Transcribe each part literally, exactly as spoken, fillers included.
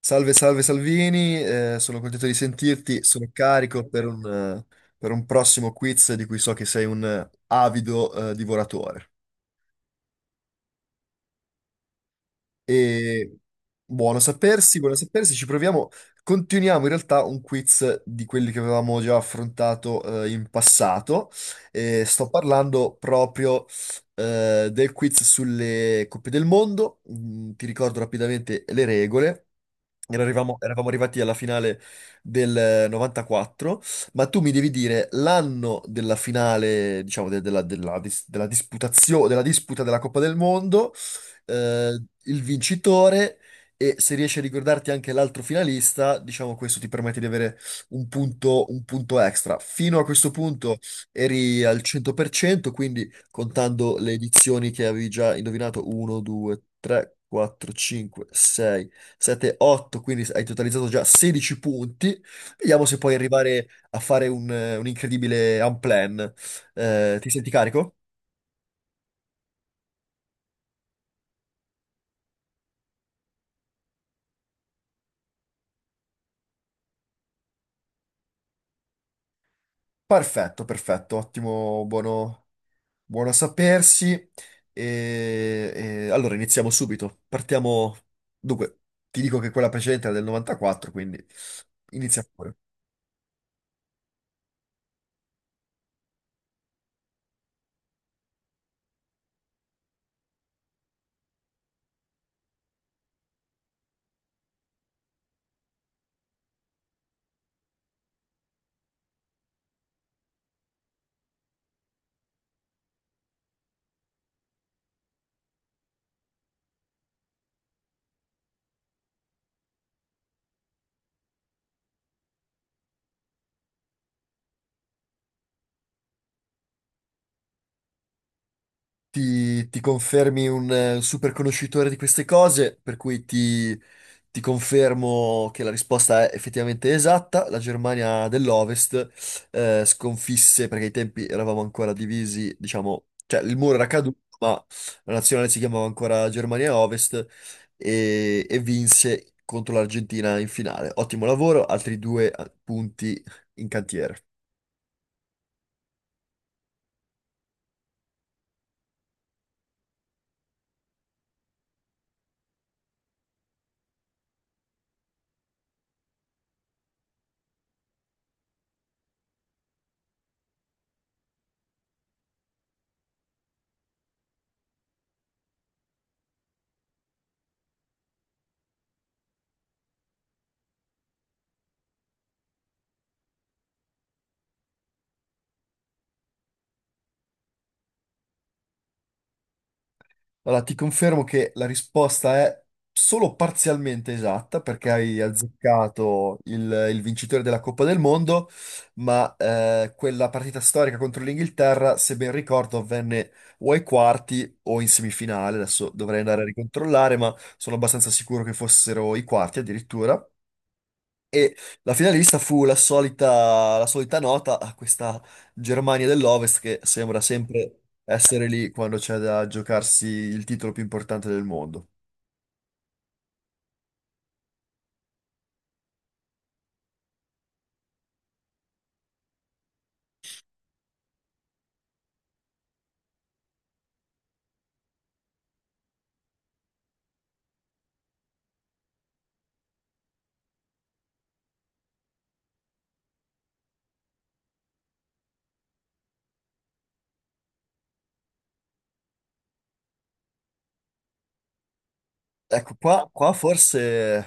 Salve, salve Salvini, eh, sono contento di sentirti, sono carico per un, eh, per un prossimo quiz di cui so che sei un eh, avido, eh, divoratore. E buono sapersi, buono sapersi, ci proviamo. Continuiamo in realtà un quiz di quelli che avevamo già affrontato eh, in passato. Eh, sto parlando proprio eh, del quiz sulle coppe del mondo. Mm, ti ricordo rapidamente le regole. Era- arrivamo- Eravamo arrivati alla finale del novantaquattro, ma tu mi devi dire l'anno della finale, diciamo, de- della, della dis- della disputazio- della disputa della Coppa del Mondo, eh, il vincitore, e se riesci a ricordarti anche l'altro finalista, diciamo questo ti permette di avere un punto, un punto extra. Fino a questo punto eri al cento per cento, quindi contando le edizioni che avevi già indovinato uno, due, tre, quattro, cinque, sei, sette, otto, quindi hai totalizzato già sedici punti. Vediamo se puoi arrivare a fare un, un incredibile unplan. Eh, ti senti carico? Perfetto, perfetto, ottimo, buono. Buono a sapersi. E, e- allora iniziamo subito. Partiamo. Dunque, ti dico che quella precedente era del novantaquattro, quindi inizia pure. ti, ti confermi un eh, super conoscitore di queste cose, per cui ti, ti confermo che la risposta è effettivamente esatta. La Germania dell'Ovest eh, sconfisse, perché ai tempi eravamo ancora divisi, diciamo, cioè il muro era caduto, ma la nazionale si chiamava ancora Germania Ovest e, e vinse contro l'Argentina in finale. Ottimo lavoro, altri due eh, punti in cantiere. Allora, ti confermo che la risposta è solo parzialmente esatta perché hai azzeccato il, il vincitore della Coppa del Mondo, ma eh, quella partita storica contro l'Inghilterra, se ben ricordo, avvenne o ai quarti o in semifinale. Adesso dovrei andare a ricontrollare, ma sono abbastanza sicuro che fossero i quarti addirittura. E la finalista fu la solita, la solita nota a questa Germania dell'Ovest, che sembra sempre essere lì quando c'è da giocarsi il titolo più importante del mondo. Ecco, qua, qua forse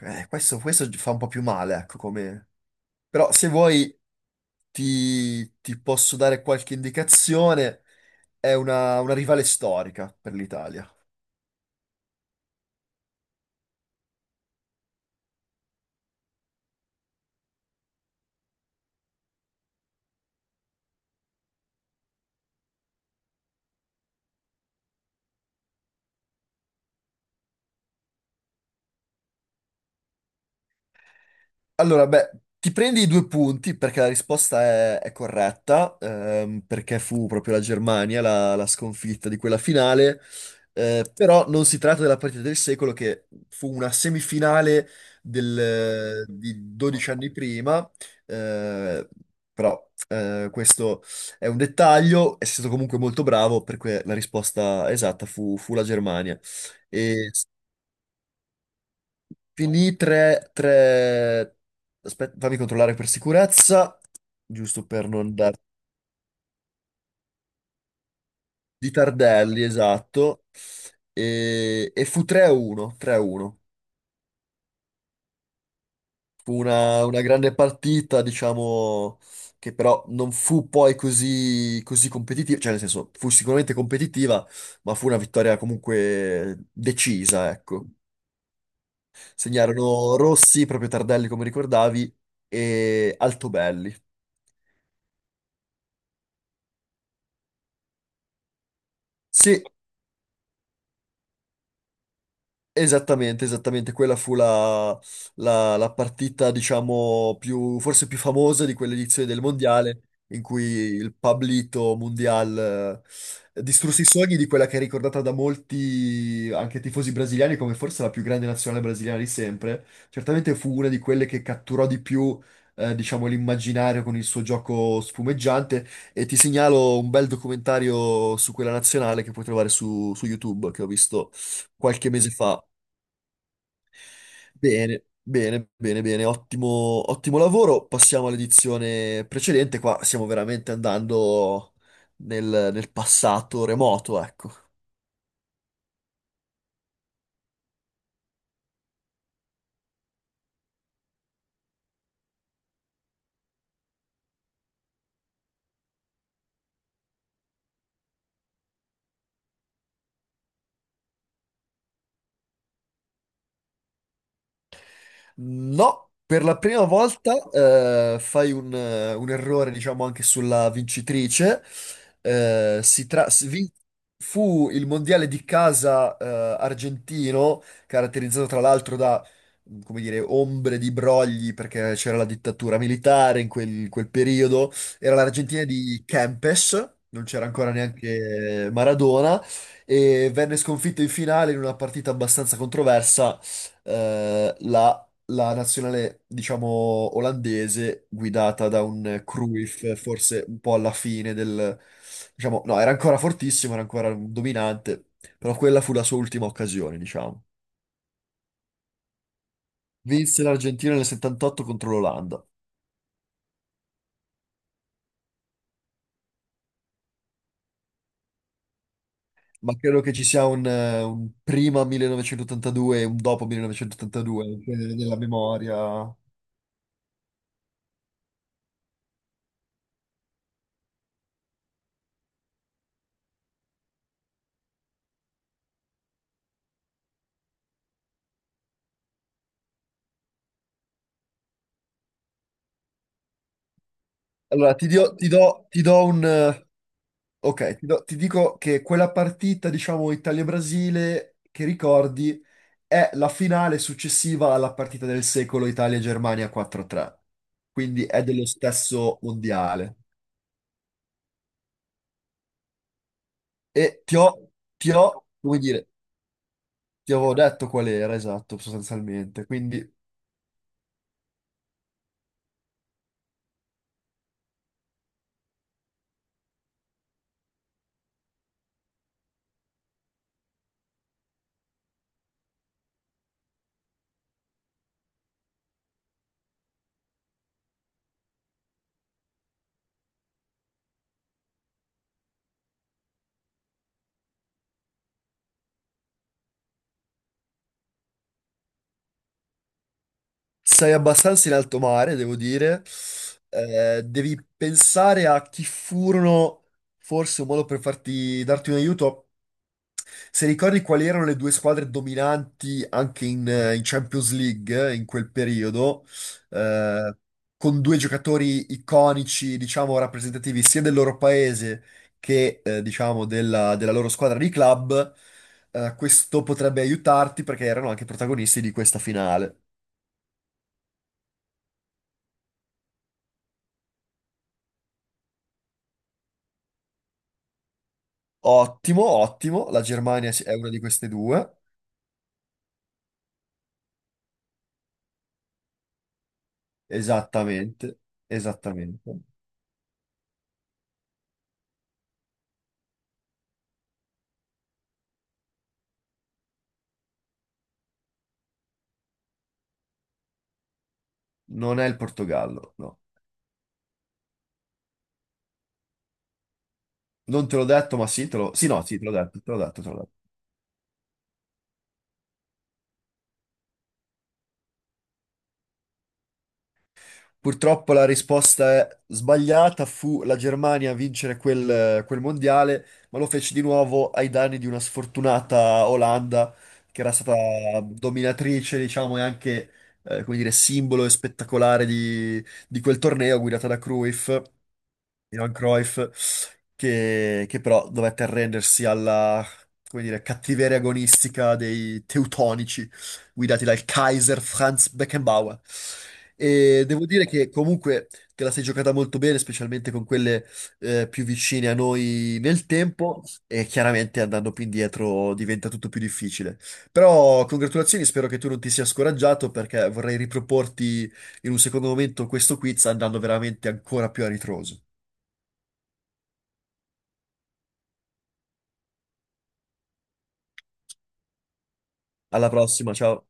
eh, questo, questo fa un po' più male, ecco, come. Però se vuoi ti, ti posso dare qualche indicazione, è una, una rivale storica per l'Italia. Allora, beh, ti prendi i due punti perché la risposta è, è corretta, ehm, perché fu proprio la Germania la, la sconfitta di quella finale, eh, però non si tratta della partita del secolo che fu una semifinale del- di dodici anni prima, eh, però eh, questo è un dettaglio, è stato comunque molto bravo perché la risposta esatta fu, fu la Germania. E finì tre, tre. Aspetta, fammi controllare per sicurezza, giusto per non dar... Di Tardelli, esatto. E, e fu tre a uno, tre a uno. Fu una, una grande partita, diciamo, che però non fu poi così, così competitiva, cioè nel senso, fu sicuramente competitiva, ma fu una vittoria comunque decisa, ecco. Segnarono Rossi, proprio Tardelli come ricordavi, e Altobelli. Sì, esattamente, esattamente, quella fu la, la- la partita, diciamo, più, forse più famosa di quell'edizione del Mondiale, in cui il Pablito Mundial eh, distrusse i sogni di quella che è ricordata da molti, anche tifosi brasiliani, come forse la più grande nazionale brasiliana di sempre. Certamente fu una di quelle che catturò di più, eh, diciamo, l'immaginario con il suo gioco sfumeggiante, e ti segnalo un bel documentario su quella nazionale che puoi trovare su su YouTube, che ho visto qualche mese fa. Bene, bene, bene, bene, ottimo, ottimo lavoro. Passiamo all'edizione precedente. Qua stiamo veramente andando nel, nel passato remoto, ecco. No, per la prima volta eh, fai un, eh, un errore, diciamo, anche sulla vincitrice. Eh, si tra- si vin- Fu il mondiale di casa eh, argentino, caratterizzato tra l'altro da, come dire, ombre di brogli, perché c'era la dittatura militare in quel, quel periodo. Era l'Argentina di Kempes, non c'era ancora neanche Maradona, e venne sconfitto in finale in una partita abbastanza controversa, eh, la la nazionale, diciamo, olandese guidata da un Cruyff, forse un po' alla fine del... diciamo, no, era ancora fortissimo, era ancora un dominante, però quella fu la sua ultima occasione, diciamo. Vinse l'Argentina nel settantotto contro l'Olanda, ma credo che ci sia un, eh, un prima millenovecentottantadue e un dopo millenovecentottantadue anche nella memoria. Allora, ti do, ti do- ti do un, eh, ok, ti do- ti dico che quella partita, diciamo, Italia-Brasile, che ricordi è la finale successiva alla partita del secolo Italia-Germania quattro a tre. Quindi è dello stesso mondiale. E ti ho, ti ho, come dire, ti avevo detto qual era, esatto, sostanzialmente. Quindi sei abbastanza in alto mare, devo dire. Eh, devi pensare a chi furono, forse un modo per farti, darti un aiuto. Se ricordi quali erano le due squadre dominanti anche in, eh, in Champions League eh, in quel periodo, eh, con due giocatori iconici, diciamo, rappresentativi sia del loro paese che, eh, diciamo, della, della loro squadra di club, eh, questo potrebbe aiutarti perché erano anche protagonisti di questa finale. Ottimo, ottimo, la Germania è una di queste due, esattamente, esattamente. Non è il Portogallo, no. Non te l'ho detto, ma sì, te l'ho. Sì, no, sì, te l'ho detto, te l'ho detto, te l'ho detto. Purtroppo la risposta è sbagliata, fu la Germania a vincere quel, quel mondiale, ma lo fece di nuovo ai danni di una sfortunata Olanda, che era stata dominatrice, diciamo, e anche, eh, come dire, simbolo e spettacolare di, di quel torneo, guidata da Cruyff. Johan Cruyff, che, che però dovette arrendersi alla, come dire, cattiveria agonistica dei teutonici guidati dal Kaiser Franz Beckenbauer. E devo dire che comunque te la sei giocata molto bene, specialmente con quelle eh, più vicine a noi nel tempo, e chiaramente andando più indietro diventa tutto più difficile. Però congratulazioni, spero che tu non ti sia scoraggiato perché vorrei riproporti in un secondo momento questo quiz andando veramente ancora più a ritroso. Alla prossima, ciao.